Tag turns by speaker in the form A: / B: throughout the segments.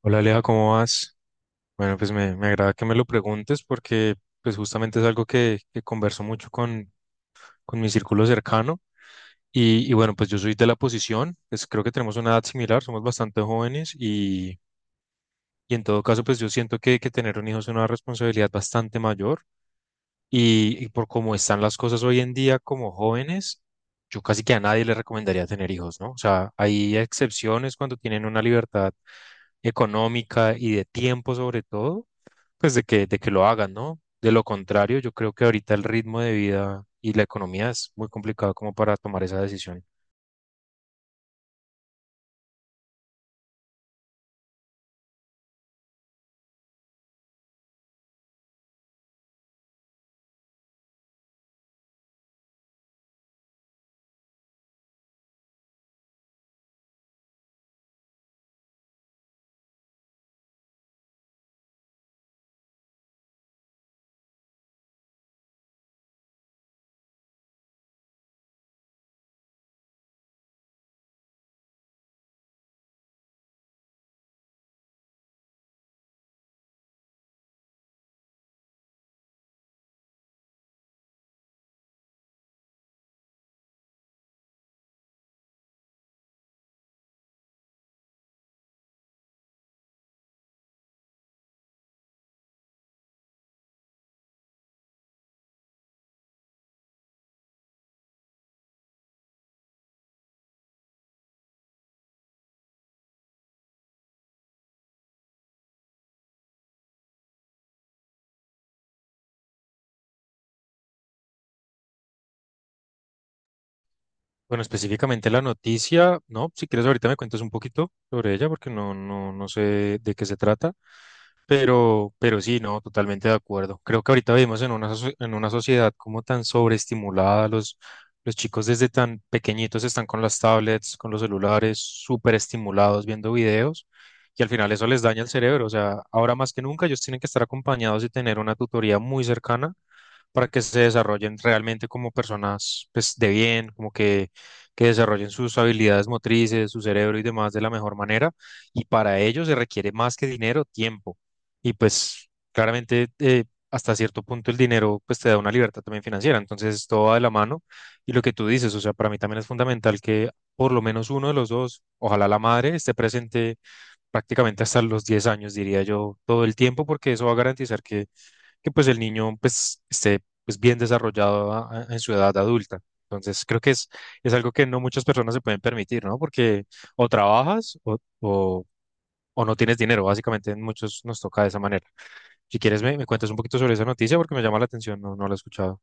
A: Hola Aleja, ¿cómo vas? Bueno, pues me agrada que me lo preguntes porque pues justamente es algo que converso mucho con mi círculo cercano y bueno, pues yo soy de la posición, pues creo que tenemos una edad similar, somos bastante jóvenes y en todo caso pues yo siento que tener un hijo es una responsabilidad bastante mayor y por cómo están las cosas hoy en día como jóvenes, yo casi que a nadie le recomendaría tener hijos, ¿no? O sea, hay excepciones cuando tienen una libertad económica y de tiempo sobre todo, pues de que lo hagan, ¿no? De lo contrario, yo creo que ahorita el ritmo de vida y la economía es muy complicado como para tomar esa decisión. Bueno, específicamente la noticia, ¿no? Si quieres ahorita me cuentas un poquito sobre ella porque no sé de qué se trata. Pero sí, no, totalmente de acuerdo. Creo que ahorita vivimos en una, en una sociedad como tan sobreestimulada, los chicos desde tan pequeñitos están con las tablets, con los celulares, súper estimulados viendo videos y al final eso les daña el cerebro. O sea, ahora más que nunca ellos tienen que estar acompañados y tener una tutoría muy cercana para que se desarrollen realmente como personas pues, de bien, como que desarrollen sus habilidades motrices, su cerebro y demás de la mejor manera. Y para ello se requiere más que dinero, tiempo. Y pues claramente hasta cierto punto el dinero pues te da una libertad también financiera. Entonces todo va de la mano. Y lo que tú dices, o sea, para mí también es fundamental que por lo menos uno de los dos, ojalá la madre, esté presente prácticamente hasta los 10 años, diría yo, todo el tiempo, porque eso va a garantizar que pues el niño pues esté pues bien desarrollado en su edad adulta. Entonces creo que es algo que no muchas personas se pueden permitir, ¿no? Porque o trabajas o no tienes dinero, básicamente en muchos nos toca de esa manera. Si quieres me cuentas un poquito sobre esa noticia porque me llama la atención, no la he escuchado.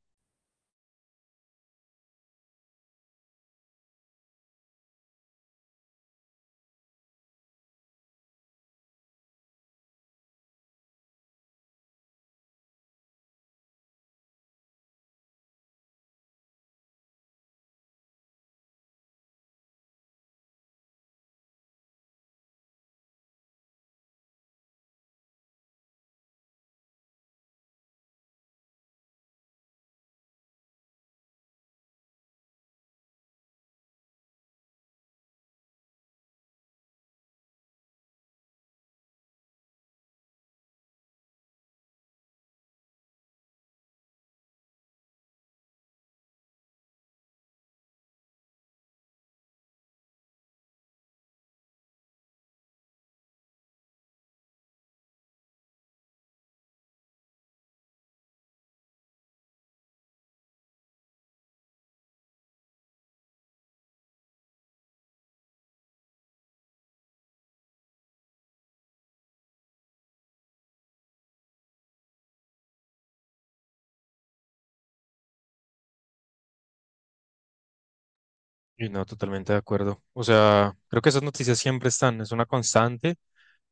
A: Y no, totalmente de acuerdo. O sea, creo que esas noticias siempre están, es una constante.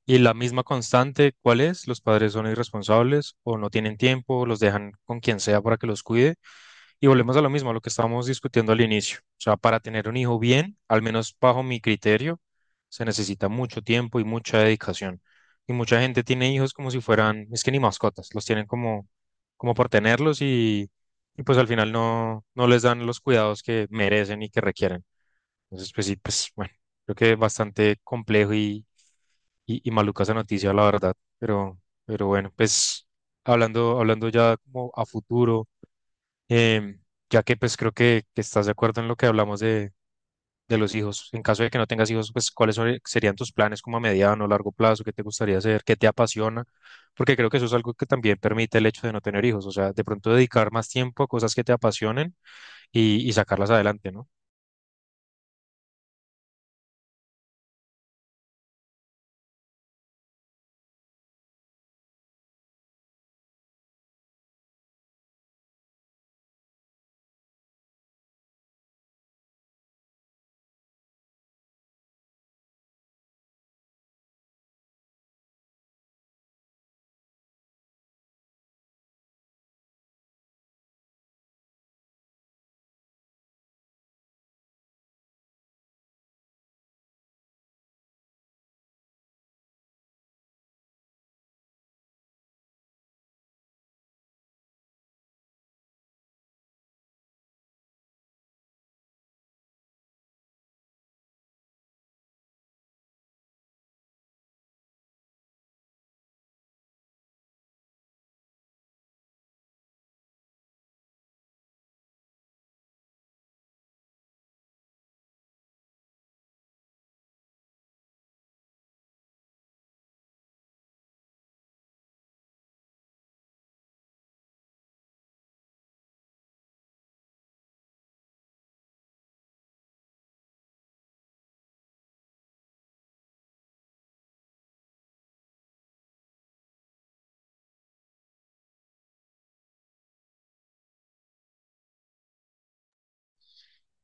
A: Y la misma constante, ¿cuál es? Los padres son irresponsables o no tienen tiempo, o los dejan con quien sea para que los cuide. Y volvemos a lo mismo, a lo que estábamos discutiendo al inicio. O sea, para tener un hijo bien, al menos bajo mi criterio, se necesita mucho tiempo y mucha dedicación. Y mucha gente tiene hijos como si fueran, es que ni mascotas, los tienen como, como por tenerlos y pues al final no les dan los cuidados que merecen y que requieren. Entonces, pues sí, pues bueno, creo que bastante complejo y maluca esa noticia, la verdad. Pero bueno, pues hablando ya como a futuro, em, ya que pues creo que estás de acuerdo en lo que hablamos de los hijos. En caso de que no tengas hijos, pues ¿serían tus planes como a mediano o largo plazo? ¿Qué te gustaría hacer? ¿Qué te apasiona? Porque creo que eso es algo que también permite el hecho de no tener hijos. O sea, de pronto dedicar más tiempo a cosas que te apasionen y sacarlas adelante, ¿no?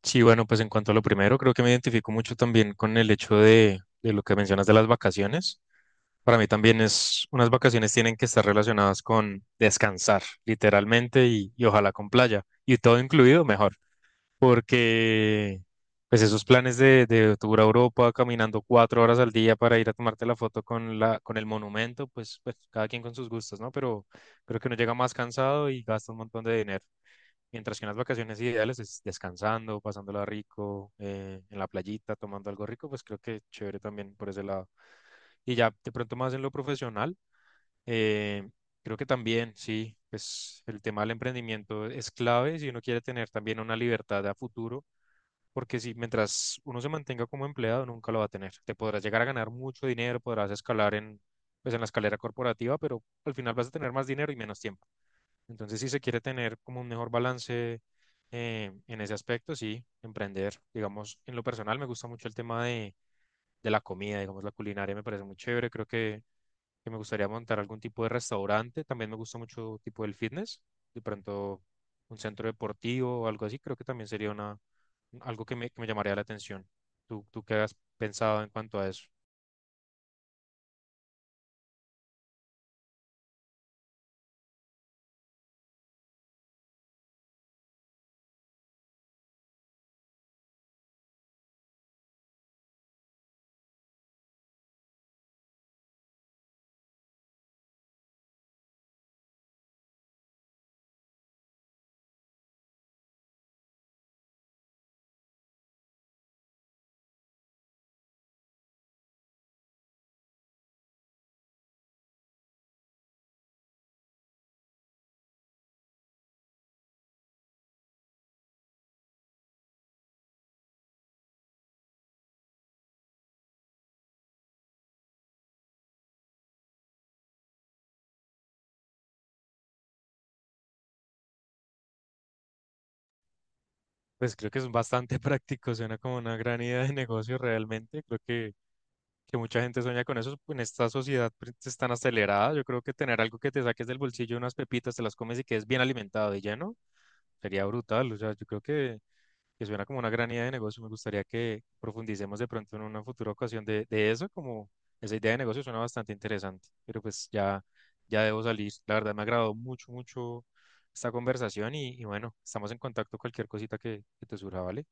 A: Sí, bueno, pues en cuanto a lo primero, creo que me identifico mucho también con el hecho de lo que mencionas de las vacaciones. Para mí también es, unas vacaciones tienen que estar relacionadas con descansar, literalmente, y ojalá con playa, y todo incluido mejor, porque pues esos planes de tour a Europa, caminando cuatro horas al día para ir a tomarte la foto con la, con el monumento, pues, pues cada quien con sus gustos, ¿no? Pero creo que uno llega más cansado y gasta un montón de dinero. Mientras que unas vacaciones ideales es descansando, pasándola rico, en la playita, tomando algo rico, pues creo que chévere también por ese lado. Y ya de pronto más en lo profesional, eh, creo que también, sí, pues el tema del emprendimiento es clave si uno quiere tener también una libertad a futuro, porque si mientras uno se mantenga como empleado, nunca lo va a tener. Te podrás llegar a ganar mucho dinero, podrás escalar en, pues, en la escalera corporativa, pero al final vas a tener más dinero y menos tiempo. Entonces, si se quiere tener como un mejor balance en ese aspecto, sí, emprender. Digamos, en lo personal me gusta mucho el tema de la comida, digamos, la culinaria me parece muy chévere. Creo que me gustaría montar algún tipo de restaurante. También me gusta mucho tipo del fitness. De pronto, un centro deportivo o algo así, creo que también sería una, algo que me llamaría la atención. ¿Tú qué has pensado en cuanto a eso? Pues creo que es bastante práctico, suena como una gran idea de negocio realmente. Creo que mucha gente sueña con eso, en esta sociedad pues, es tan acelerada, yo creo que tener algo que te saques del bolsillo, unas pepitas, te las comes y quedes bien alimentado y lleno, sería brutal, o sea, yo creo que suena como una gran idea de negocio, me gustaría que profundicemos de pronto en una futura ocasión de eso, como esa idea de negocio suena bastante interesante, pero pues ya, ya debo salir, la verdad me ha agradado mucho, mucho esta conversación y bueno, estamos en contacto cualquier cosita que te surja, ¿vale?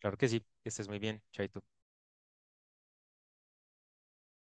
A: Claro que sí, que estés muy bien, chaito.